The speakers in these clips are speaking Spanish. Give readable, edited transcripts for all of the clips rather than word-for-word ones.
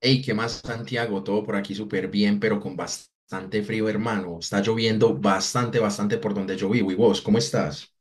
Hey, ¿qué más, Santiago? Todo por aquí súper bien, pero con bastante frío, hermano. Está lloviendo bastante, bastante por donde yo vivo. ¿Y vos, cómo estás?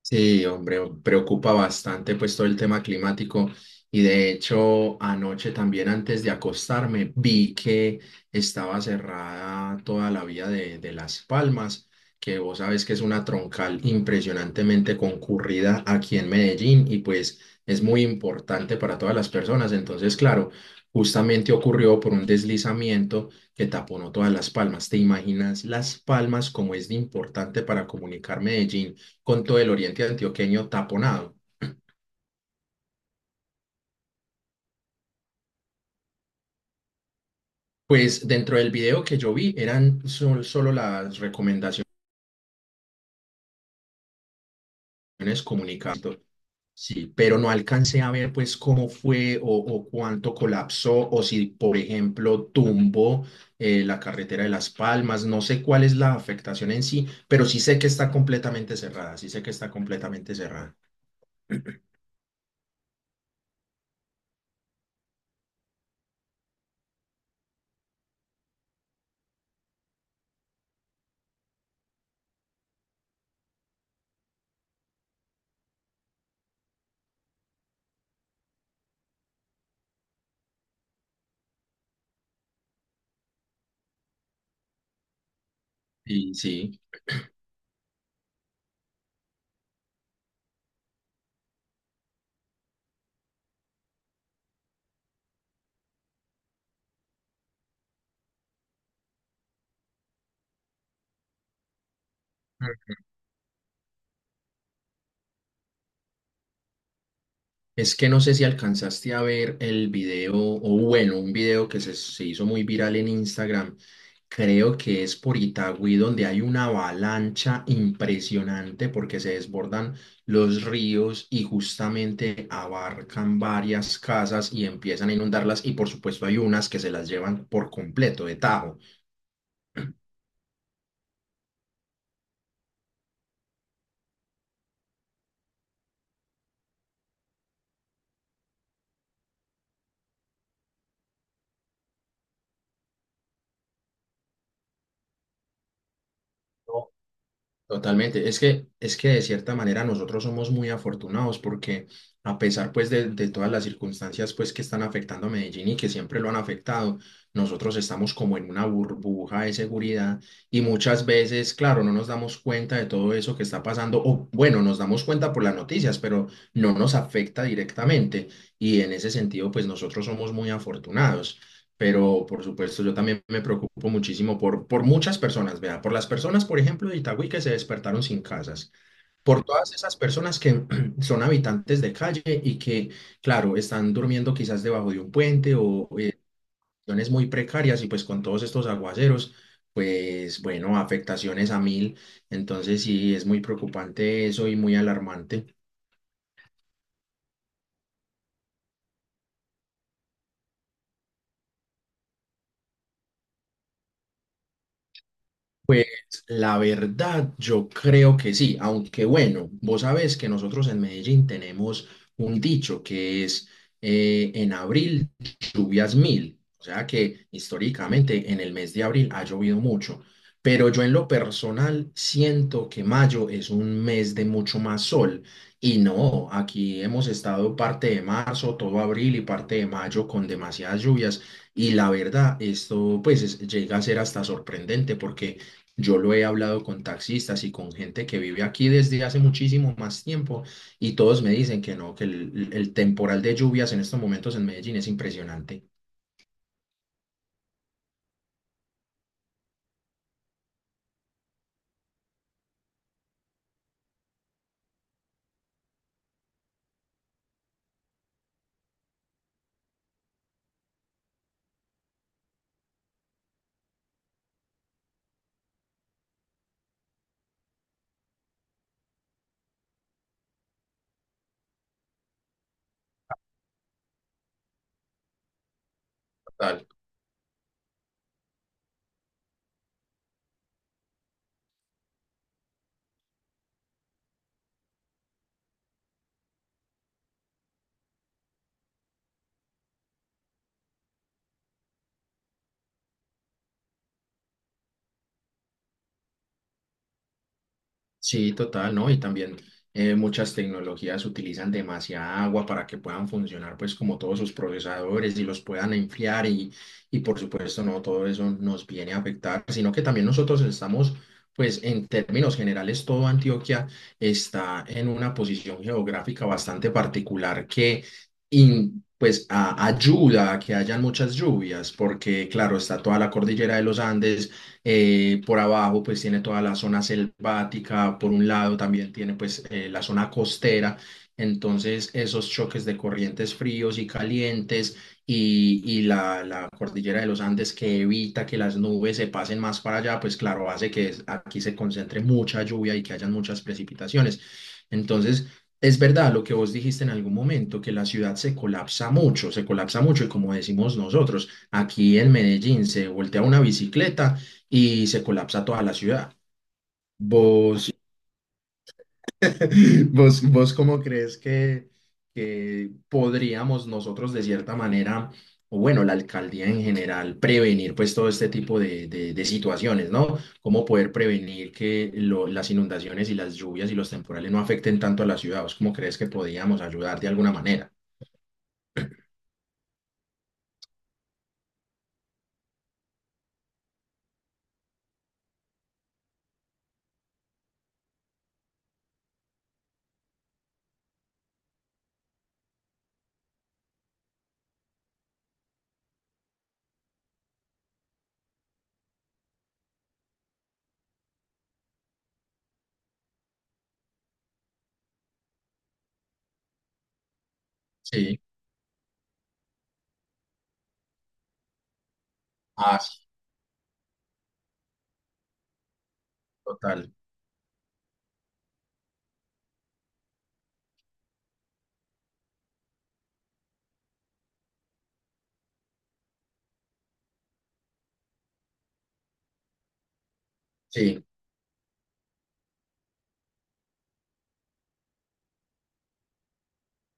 Sí, hombre, preocupa bastante pues todo el tema climático y de hecho anoche también antes de acostarme vi que estaba cerrada toda la vía de Las Palmas, que vos sabes que es una troncal impresionantemente concurrida aquí en Medellín y pues es muy importante para todas las personas. Entonces, claro, justamente ocurrió por un deslizamiento que taponó todas Las Palmas. ¿Te imaginas Las Palmas como es de importante para comunicar Medellín con todo el oriente antioqueño taponado? Pues dentro del video que yo vi eran solo las recomendaciones comunicadas. Sí, pero no alcancé a ver pues cómo fue o cuánto colapsó o si, por ejemplo, tumbó la carretera de Las Palmas. No sé cuál es la afectación en sí, pero sí sé que está completamente cerrada, sí sé que está completamente cerrada. Sí, sí. Es que no sé si alcanzaste a ver el video, o bueno, un video que se hizo muy viral en Instagram. Creo que es por Itagüí, donde hay una avalancha impresionante porque se desbordan los ríos y justamente abarcan varias casas y empiezan a inundarlas. Y por supuesto, hay unas que se las llevan por completo de tajo. Totalmente. Es que de cierta manera nosotros somos muy afortunados porque a pesar pues de todas las circunstancias pues que están afectando a Medellín y que siempre lo han afectado, nosotros estamos como en una burbuja de seguridad y muchas veces, claro, no nos damos cuenta de todo eso que está pasando o bueno, nos damos cuenta por las noticias, pero no nos afecta directamente y en ese sentido pues nosotros somos muy afortunados, pero por supuesto yo también me preocupo muchísimo por muchas personas, vea, por las personas, por ejemplo, de Itagüí que se despertaron sin casas, por todas esas personas que son habitantes de calle y que, claro, están durmiendo quizás debajo de un puente o condiciones muy precarias y pues con todos estos aguaceros, pues bueno, afectaciones a mil, entonces sí, es muy preocupante eso y muy alarmante. Pues la verdad, yo creo que sí, aunque bueno, vos sabés que nosotros en Medellín tenemos un dicho que es en abril lluvias mil, o sea que históricamente en el mes de abril ha llovido mucho, pero yo en lo personal siento que mayo es un mes de mucho más sol y no, aquí hemos estado parte de marzo, todo abril y parte de mayo con demasiadas lluvias y la verdad, esto pues llega a ser hasta sorprendente porque... Yo lo he hablado con taxistas y con gente que vive aquí desde hace muchísimo más tiempo y todos me dicen que no, que el temporal de lluvias en estos momentos en Medellín es impresionante. Sí, total, ¿no? Y también muchas tecnologías utilizan demasiada agua para que puedan funcionar, pues, como todos sus procesadores y los puedan enfriar y por supuesto, no todo eso nos viene a afectar, sino que también nosotros estamos, pues, en términos generales, todo Antioquia está en una posición geográfica bastante particular que, pues, ayuda a que hayan muchas lluvias, porque, claro, está toda la cordillera de los Andes, por abajo pues tiene toda la zona selvática, por un lado también tiene pues la zona costera. Entonces esos choques de corrientes fríos y calientes y la cordillera de los Andes que evita que las nubes se pasen más para allá, pues claro, hace que aquí se concentre mucha lluvia y que hayan muchas precipitaciones. Entonces... Es verdad lo que vos dijiste en algún momento, que la ciudad se colapsa mucho y como decimos nosotros, aquí en Medellín se voltea una bicicleta y se colapsa toda la ciudad. ¿Vos, vos, vos cómo crees que podríamos nosotros de cierta manera, o bueno, la alcaldía en general, prevenir pues todo este tipo de, de situaciones, no? ¿Cómo poder prevenir que las inundaciones y las lluvias y los temporales no afecten tanto a la ciudad? ¿Vos cómo crees que podríamos ayudar de alguna manera? Sí, ah, sí, total. Sí.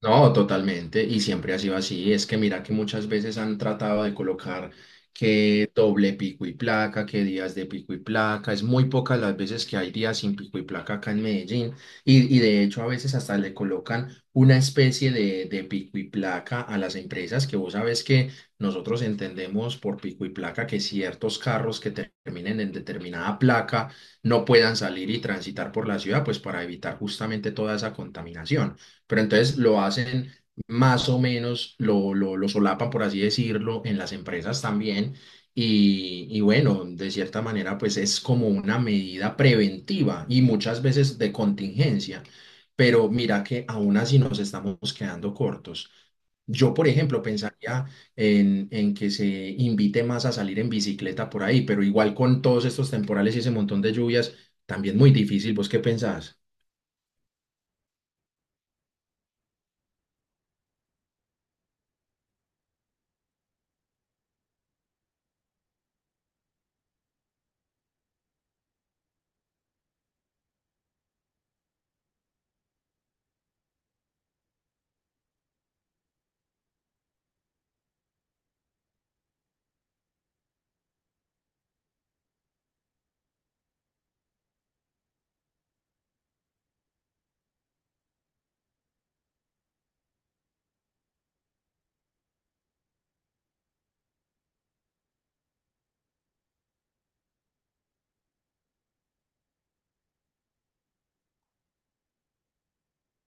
No, totalmente, y siempre ha sido así. Es que mira que muchas veces han tratado de colocar que doble pico y placa, que días de pico y placa. Es muy pocas las veces que hay días sin pico y placa acá en Medellín. Y de hecho a veces hasta le colocan una especie de pico y placa a las empresas, que vos sabes que nosotros entendemos por pico y placa que ciertos carros que terminen en determinada placa no puedan salir y transitar por la ciudad, pues para evitar justamente toda esa contaminación, pero entonces lo hacen más o menos, lo solapan, por así decirlo, en las empresas también. Y bueno, de cierta manera, pues es como una medida preventiva y muchas veces de contingencia. Pero mira que aún así nos estamos quedando cortos. Yo, por ejemplo, pensaría en que se invite más a salir en bicicleta por ahí, pero igual con todos estos temporales y ese montón de lluvias, también muy difícil. ¿Vos qué pensás?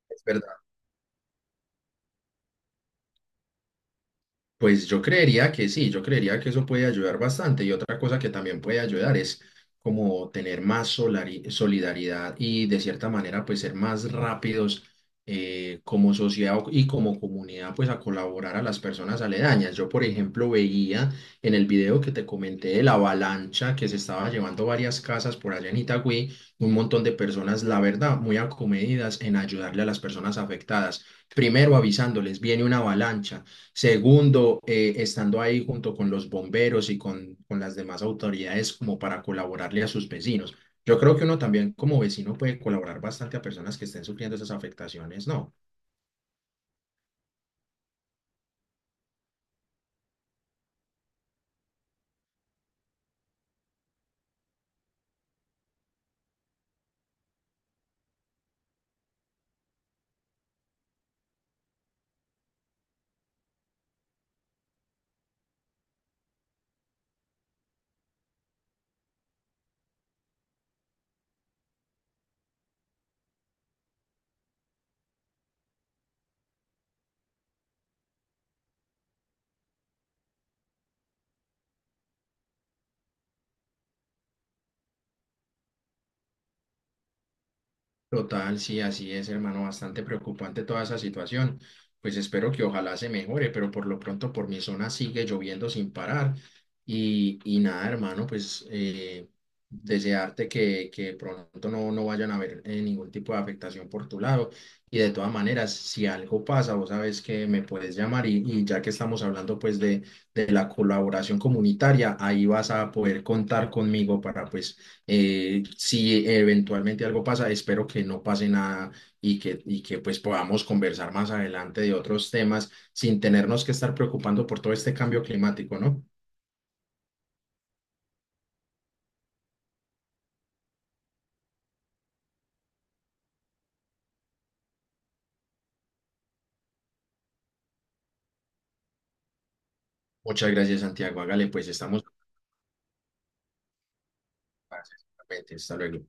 Es verdad. Pues yo creería que sí, yo creería que eso puede ayudar bastante. Y otra cosa que también puede ayudar es como tener más solidaridad y de cierta manera pues ser más rápidos como sociedad y como comunidad pues a colaborar a las personas aledañas. Yo por ejemplo veía en el video que te comenté de la avalancha que se estaba llevando varias casas por allá en Itagüí, un montón de personas, la verdad, muy acomedidas en ayudarle a las personas afectadas. Primero avisándoles, viene una avalancha. Segundo, estando ahí junto con los bomberos y con las demás autoridades como para colaborarle a sus vecinos. Yo creo que uno también como vecino puede colaborar bastante a personas que estén sufriendo esas afectaciones, ¿no? Total, sí, así es, hermano, bastante preocupante toda esa situación. Pues espero que ojalá se mejore, pero por lo pronto por mi zona sigue lloviendo sin parar. Y nada, hermano, pues desearte que pronto no, no vayan a haber ningún tipo de afectación por tu lado. Y de todas maneras, si algo pasa, vos sabes que me puedes llamar y ya que estamos hablando pues de la colaboración comunitaria, ahí vas a poder contar conmigo para pues si eventualmente algo pasa, espero que no pase nada y que, y que pues podamos conversar más adelante de otros temas sin tenernos que estar preocupando por todo este cambio climático, ¿no? Muchas gracias, Santiago. Hágale, pues estamos. Gracias, igualmente. Hasta luego.